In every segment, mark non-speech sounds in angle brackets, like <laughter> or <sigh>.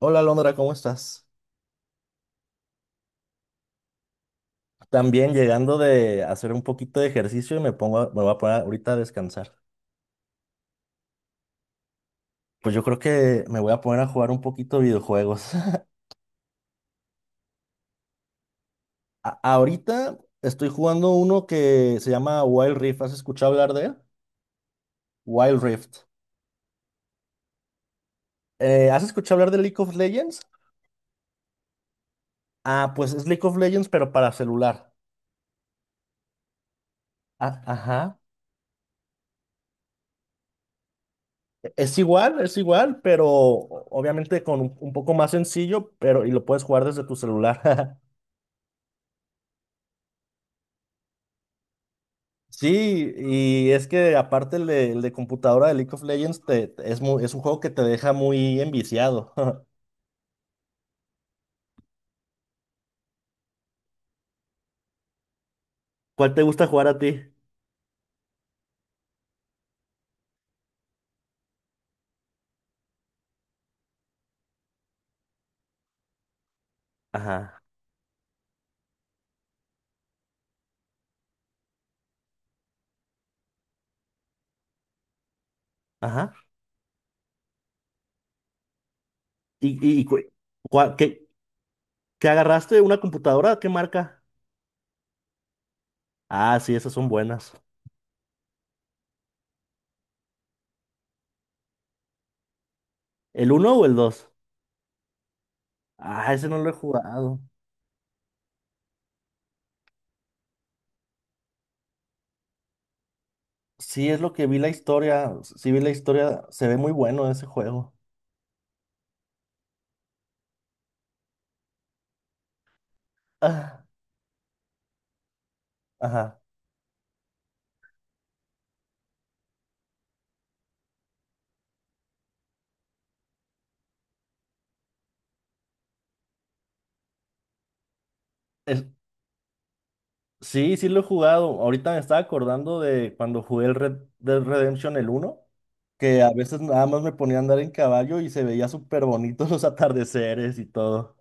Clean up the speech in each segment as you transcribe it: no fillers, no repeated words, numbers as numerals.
Hola Londra, ¿cómo estás? También llegando de hacer un poquito de ejercicio y me pongo, me voy a poner ahorita a descansar. Pues yo creo que me voy a poner a jugar un poquito de videojuegos. <laughs> Ahorita estoy jugando uno que se llama Wild Rift. ¿Has escuchado hablar de él? Wild Rift. ¿Has escuchado hablar de League of Legends? Ah, pues es League of Legends, pero para celular. Ah, ajá. Es igual, pero obviamente con un poco más sencillo, pero y lo puedes jugar desde tu celular. <laughs> Sí, y es que aparte el de computadora de League of Legends es, es un juego que te deja muy enviciado. <laughs> ¿Cuál te gusta jugar a ti? Ajá, ajá. ¿Y, y, y cu- cua- qué, Qué agarraste? ¿Una computadora? ¿Qué marca? Ah, sí, esas son buenas. ¿El uno o el dos? Ah, ese no lo he jugado. Sí, es lo que vi la historia. Sí vi la historia. Se ve muy bueno ese juego. Ah, ajá. Es- Sí, sí lo he jugado. Ahorita me estaba acordando de cuando jugué el Red Dead Redemption el uno, que a veces nada más me ponía a andar en caballo y se veía súper bonitos <laughs> los atardeceres y todo.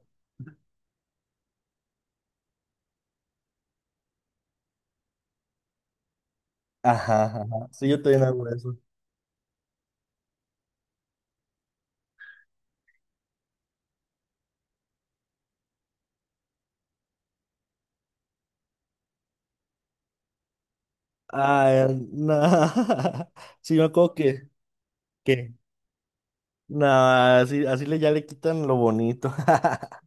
Ajá, ajá. Sí, yo también hago eso. Ah, no. <laughs> Sí, me acuerdo que, no, así, así ya le quitan lo bonito. <laughs>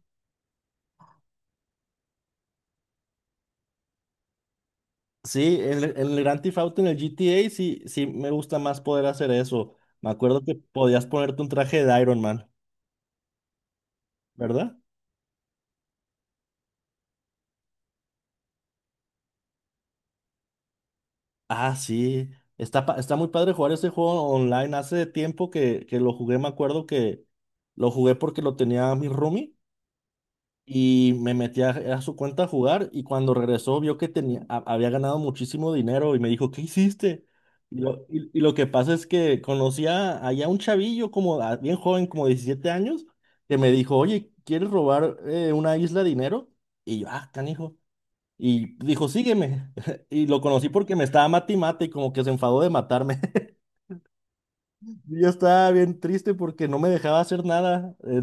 Sí, en el Grand Theft Auto, en el GTA, sí, sí me gusta más poder hacer eso. Me acuerdo que podías ponerte un traje de Iron Man, ¿verdad? Ah, sí. Está, está muy padre jugar ese juego online. Hace tiempo que lo jugué, me acuerdo que lo jugué porque lo tenía mi roomie y me metí a su cuenta a jugar y cuando regresó vio que tenía, había ganado muchísimo dinero y me dijo, ¿qué hiciste? Y lo que pasa es que conocía allá un chavillo como bien joven, como 17 años, que me dijo, oye, ¿quieres robar una isla de dinero? Y yo, ah, canijo. Y dijo, sígueme. <laughs> Y lo conocí porque me estaba mate y mate y como que se enfadó de matarme. <laughs> Yo estaba bien triste porque no me dejaba hacer nada.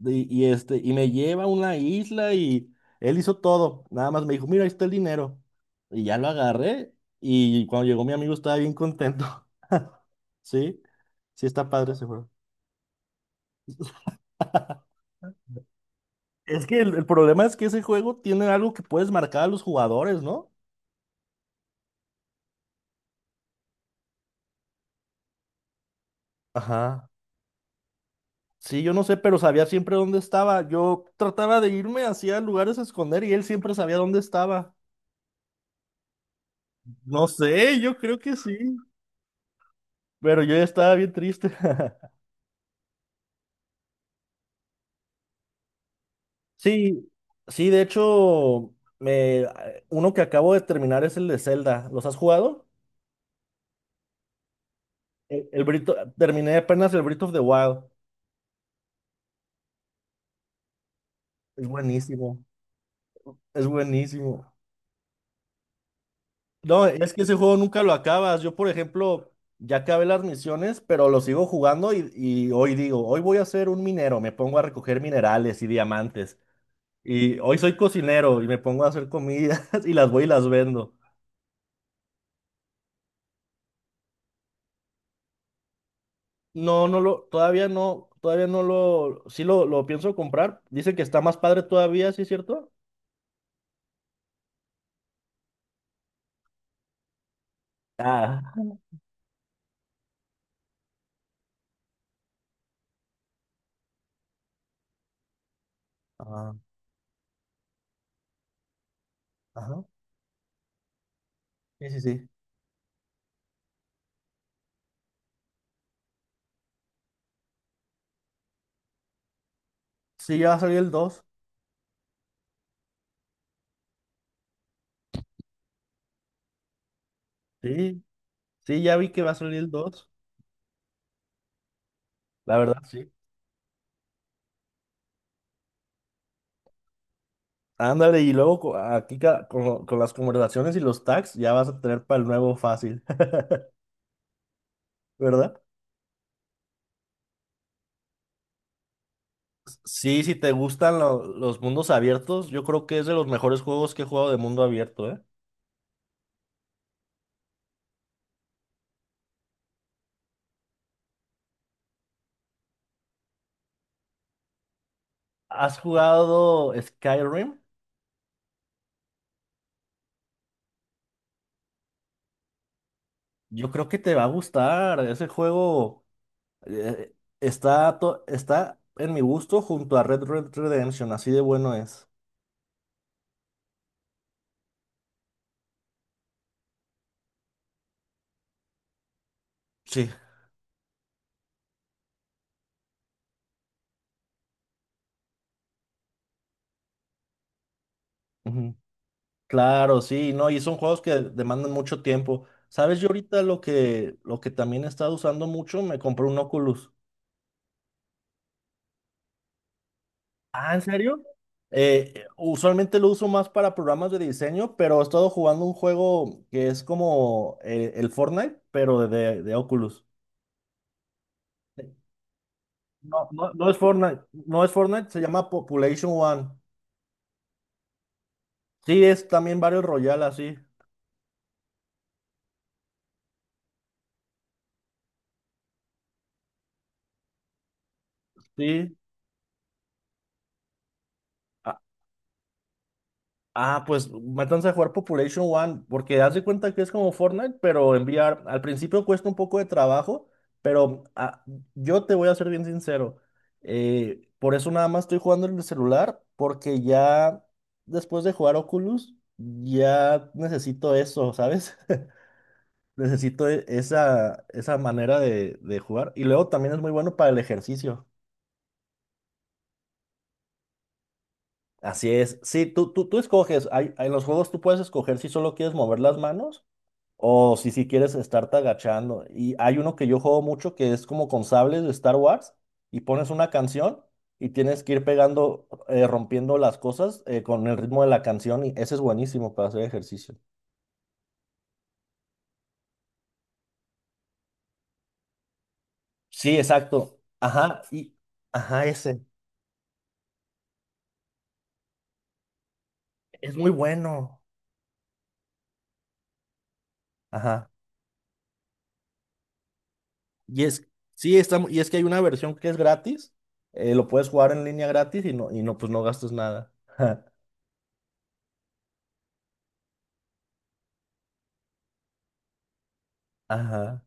Y me lleva a una isla y él hizo todo. Nada más me dijo, mira, ahí está el dinero. Y ya lo agarré. Y cuando llegó mi amigo estaba bien contento. <laughs> Sí, sí está padre ese juego. <laughs> Es que el problema es que ese juego tiene algo que puedes marcar a los jugadores, ¿no? Ajá. Sí, yo no sé, pero sabía siempre dónde estaba. Yo trataba de irme hacia lugares a esconder y él siempre sabía dónde estaba. No sé, yo creo que sí, pero yo ya estaba bien triste. <laughs> Sí, sí, de hecho, me, uno que acabo de terminar es el de Zelda. ¿Los has jugado? Terminé apenas el Breath of the Wild. Es buenísimo, es buenísimo. No, es que ese juego nunca lo acabas. Yo, por ejemplo, ya acabé las misiones, pero lo sigo jugando y hoy digo, hoy voy a ser un minero, me pongo a recoger minerales y diamantes. Y hoy soy cocinero y me pongo a hacer comidas <laughs> y las voy y las vendo. Todavía no, sí lo pienso comprar. Dice que está más padre todavía, ¿sí es cierto? Ah, ah, ajá. Sí, sí, sí. Sí, ya va a salir el 2. Sí, sí, ya vi que va a salir el 2. La verdad, sí. Ándale, y luego aquí con las conversaciones y los tags ya vas a tener para el nuevo fácil, <laughs> ¿verdad? Sí, si te gustan los mundos abiertos, yo creo que es de los mejores juegos que he jugado de mundo abierto, ¿eh? ¿Has jugado Skyrim? Yo creo que te va a gustar. Ese juego eh, está, está en mi gusto junto a Red Red Redemption, así de bueno es. Sí. Claro, sí, no, y son juegos que demandan mucho tiempo. ¿Sabes? Yo ahorita lo que también he estado usando mucho, me compré un Oculus. Ah, ¿en serio? Usualmente lo uso más para programas de diseño, pero he estado jugando un juego que es como el Fortnite, pero de Oculus. No, no, no es Fortnite, no es Fortnite, se llama Population One. Sí, es también Battle Royale, así. Sí. Ah, pues métanse a jugar Population One, porque haz de cuenta que es como Fortnite, pero enviar, al principio cuesta un poco de trabajo, pero ah, yo te voy a ser bien sincero, por eso nada más estoy jugando en el celular, porque ya después de jugar Oculus, ya necesito eso, ¿sabes? <laughs> Necesito esa, esa manera de jugar, y luego también es muy bueno para el ejercicio. Así es, sí, tú escoges, hay, en los juegos tú puedes escoger si solo quieres mover las manos. O si si quieres estarte agachando. Y hay uno que yo juego mucho que es como con sables de Star Wars y pones una canción y tienes que ir pegando, rompiendo las cosas con el ritmo de la canción y ese es buenísimo para hacer ejercicio. Sí, exacto. Ajá, y ajá, ese. Es muy bueno. Ajá. Y es, sí, está, y es que hay una versión que es gratis. Lo puedes jugar en línea gratis y no, pues no gastas nada. <laughs> Ajá.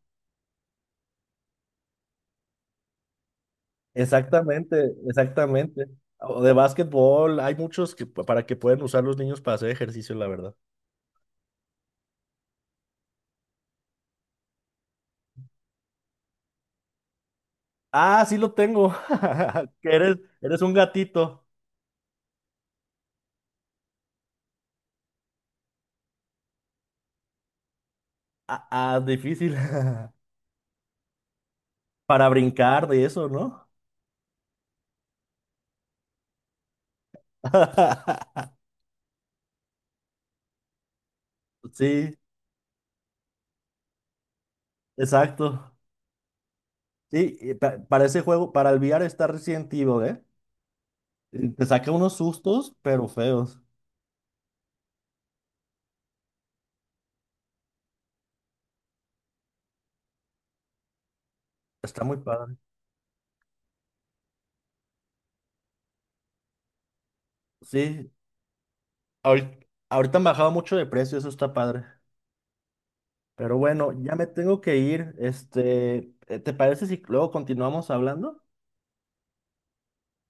Exactamente, exactamente. O de básquetbol, hay muchos que para que pueden usar los niños para hacer ejercicio, la verdad. Ah, sí lo tengo. <laughs> Que eres, eres un gatito. Ah, ah, difícil. <laughs> Para brincar de eso, ¿no? <laughs> Sí, exacto. Sí, y para ese juego, para el VR está Resident Evil, ¿eh? Y te saca unos sustos, pero feos. Está muy padre. Sí, ahorita, ahorita han bajado mucho de precio, eso está padre. Pero bueno, ya me tengo que ir. Este, ¿te parece si luego continuamos hablando?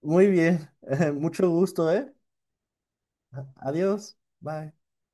Muy bien, <laughs> mucho gusto, ¿eh? Adiós, bye.